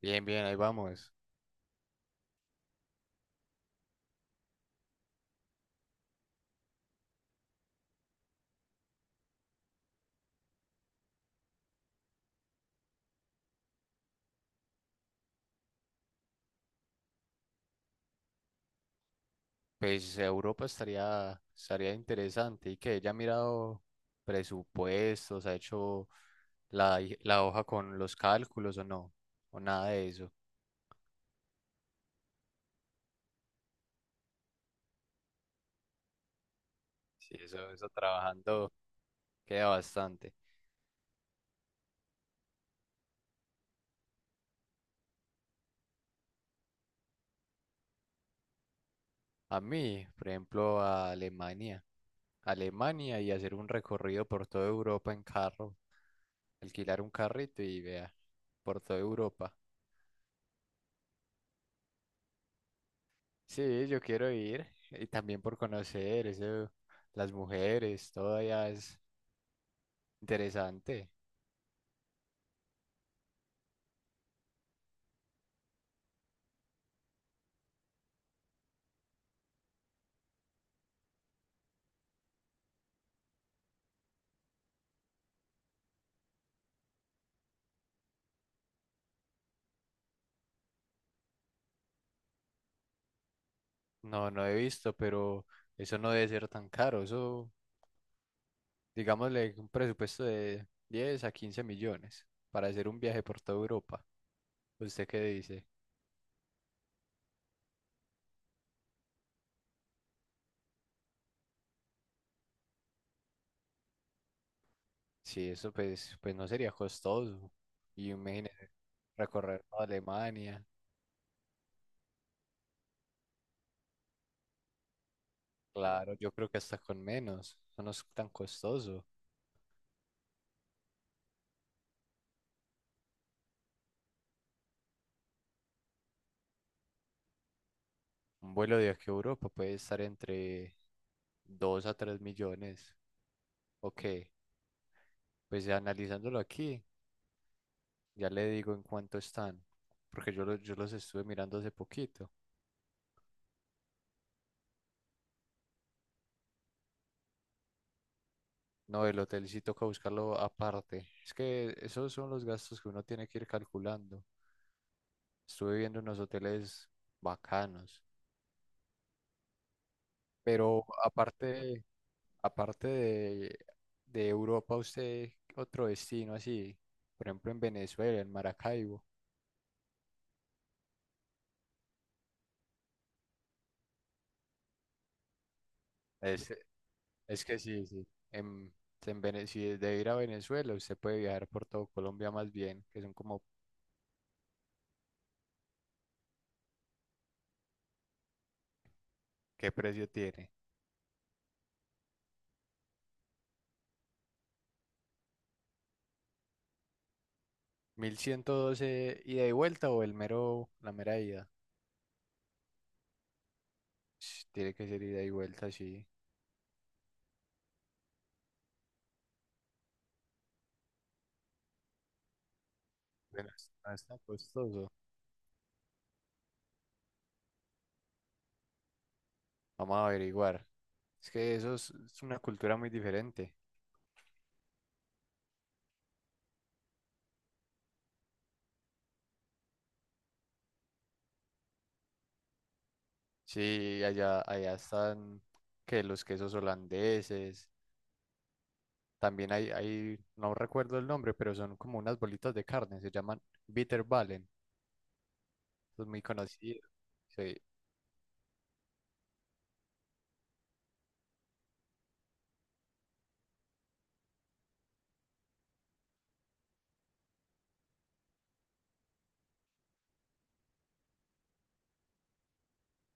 Bien, bien, ahí vamos. Pues Europa estaría, interesante. ¿Y que ella ha mirado presupuestos, ha hecho la, la hoja con los cálculos o no, o nada de eso? Sí, eso trabajando queda bastante. A mí, por ejemplo, a Alemania. Alemania, y hacer un recorrido por toda Europa en carro, alquilar un carrito y vea, por toda Europa. Sí, yo quiero ir y también por conocer eso, las mujeres, todo allá es interesante. No, no he visto, pero eso no debe ser tan caro. Eso, digámosle, un presupuesto de 10 a 15 millones para hacer un viaje por toda Europa. ¿Usted qué dice? Sí, eso pues, pues no sería costoso. Y imagínese recorrer toda Alemania. Claro, yo creo que hasta con menos. Eso no es tan costoso. Un vuelo de aquí a Europa puede estar entre 2 a 3 millones. Ok, pues ya analizándolo aquí, ya le digo en cuánto están, porque yo, yo los estuve mirando hace poquito. No, el hotel sí toca buscarlo aparte. Es que esos son los gastos que uno tiene que ir calculando. Estuve viendo unos hoteles bacanos, pero aparte, aparte de Europa, usted otro destino así, por ejemplo en Venezuela, en Maracaibo. Es Es que sí, sí. En si de ir a Venezuela, usted puede viajar por todo Colombia más bien, que son como, ¿qué precio tiene? ¿1.112 ida y vuelta o el mero, la mera ida? Sh, tiene que ser ida y vuelta, sí. Bueno, no es tan costoso. Vamos a averiguar. Es que eso es una cultura muy diferente. Sí, allá, allá están que los quesos holandeses. También hay, no recuerdo el nombre, pero son como unas bolitas de carne, se llaman Bitterballen. Es muy conocido. Sí.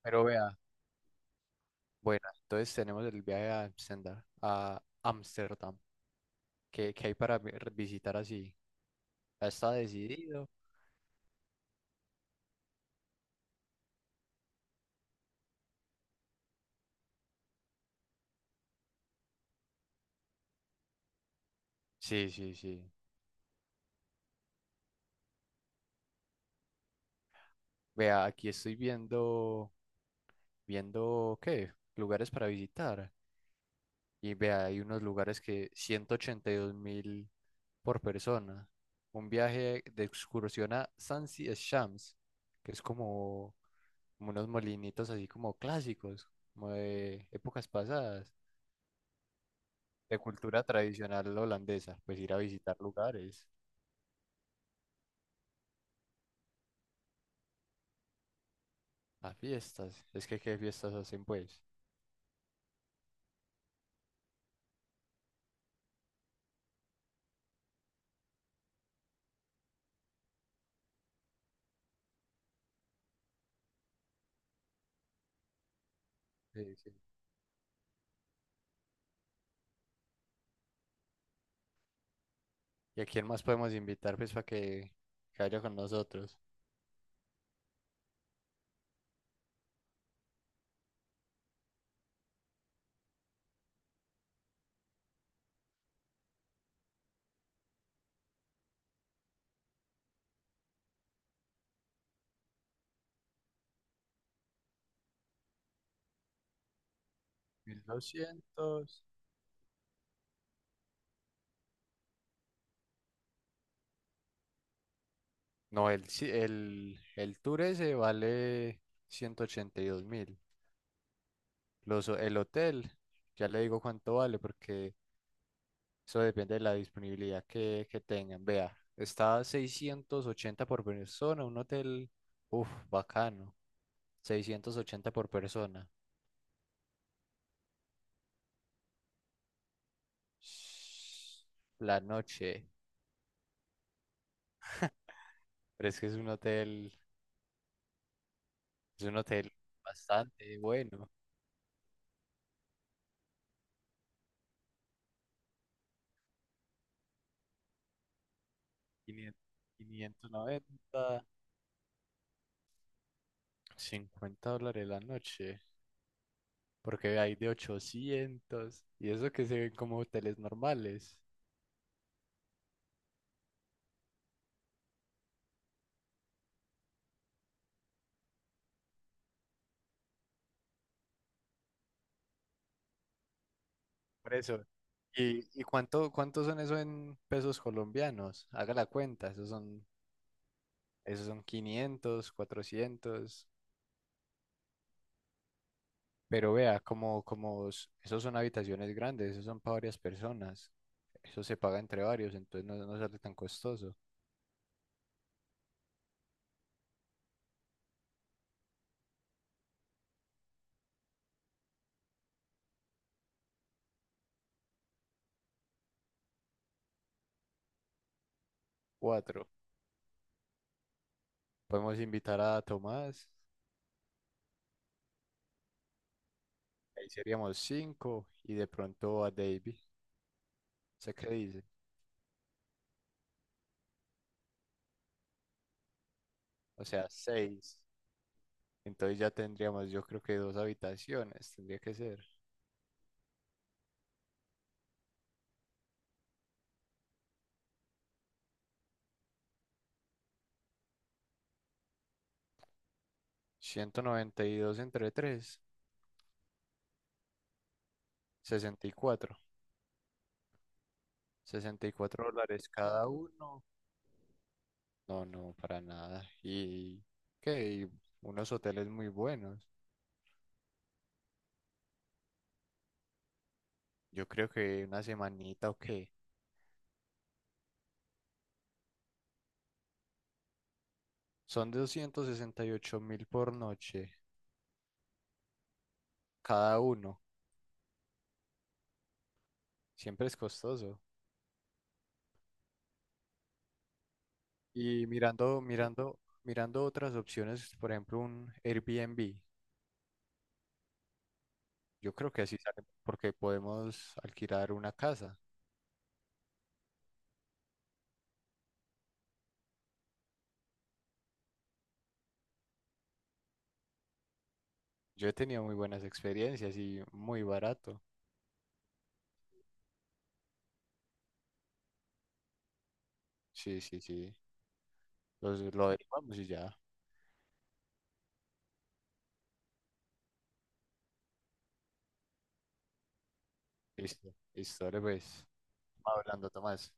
Pero vea, bueno, entonces tenemos el viaje a Amsterdam, a Ámsterdam. ¿Qué, qué hay para visitar así? ¿Ya está decidido? Sí, sí, sí. Vea, aquí estoy viendo, viendo, ¿qué? Lugares para visitar. Y vea, hay unos lugares que 182.000 por persona. Un viaje de excursión a Sansi Shams, que es como, como unos molinitos así como clásicos, como de épocas pasadas. De cultura tradicional holandesa, pues ir a visitar lugares, a fiestas. Es que qué fiestas hacen pues. Sí, sí. ¿Y a quién más podemos invitar pues para que vaya con nosotros? 1.200. No, el, si, el tour ese vale 182.000. Los, el hotel, ya le digo cuánto vale, porque eso depende de la disponibilidad que tengan. Vea, está a 680 por persona, un hotel, uff, bacano. 680 por persona. Sh, la noche. Pero es que es un hotel bastante bueno. 500 590, $50 la noche. Porque hay de 800. Y eso que se ven como hoteles normales. Por eso. Y cuánto, cuántos son eso en pesos colombianos? Haga la cuenta, esos son 500, 400. Pero vea, como, esos son habitaciones grandes, esos son para varias personas. Eso se paga entre varios, entonces no, no sale tan costoso. Cuatro. Podemos invitar a Tomás, ahí seríamos cinco, y de pronto a David. ¿Sé qué dice? O sea, seis. Entonces ya tendríamos, yo creo que dos habitaciones, tendría que ser. Ciento noventa y dos entre tres, sesenta y cuatro, $64 cada uno. No, no, para nada. Y unos hoteles muy buenos. Yo creo que una semanita o qué. Son 268.000 por noche cada uno. Siempre es costoso. Y mirando, mirando otras opciones, por ejemplo, un Airbnb. Yo creo que así sale porque podemos alquilar una casa. Yo he tenido muy buenas experiencias y muy barato. Sí, sí, sí. Los, lo averiguamos y ya. Listo. Listo, dale, pues. Hablando, Tomás.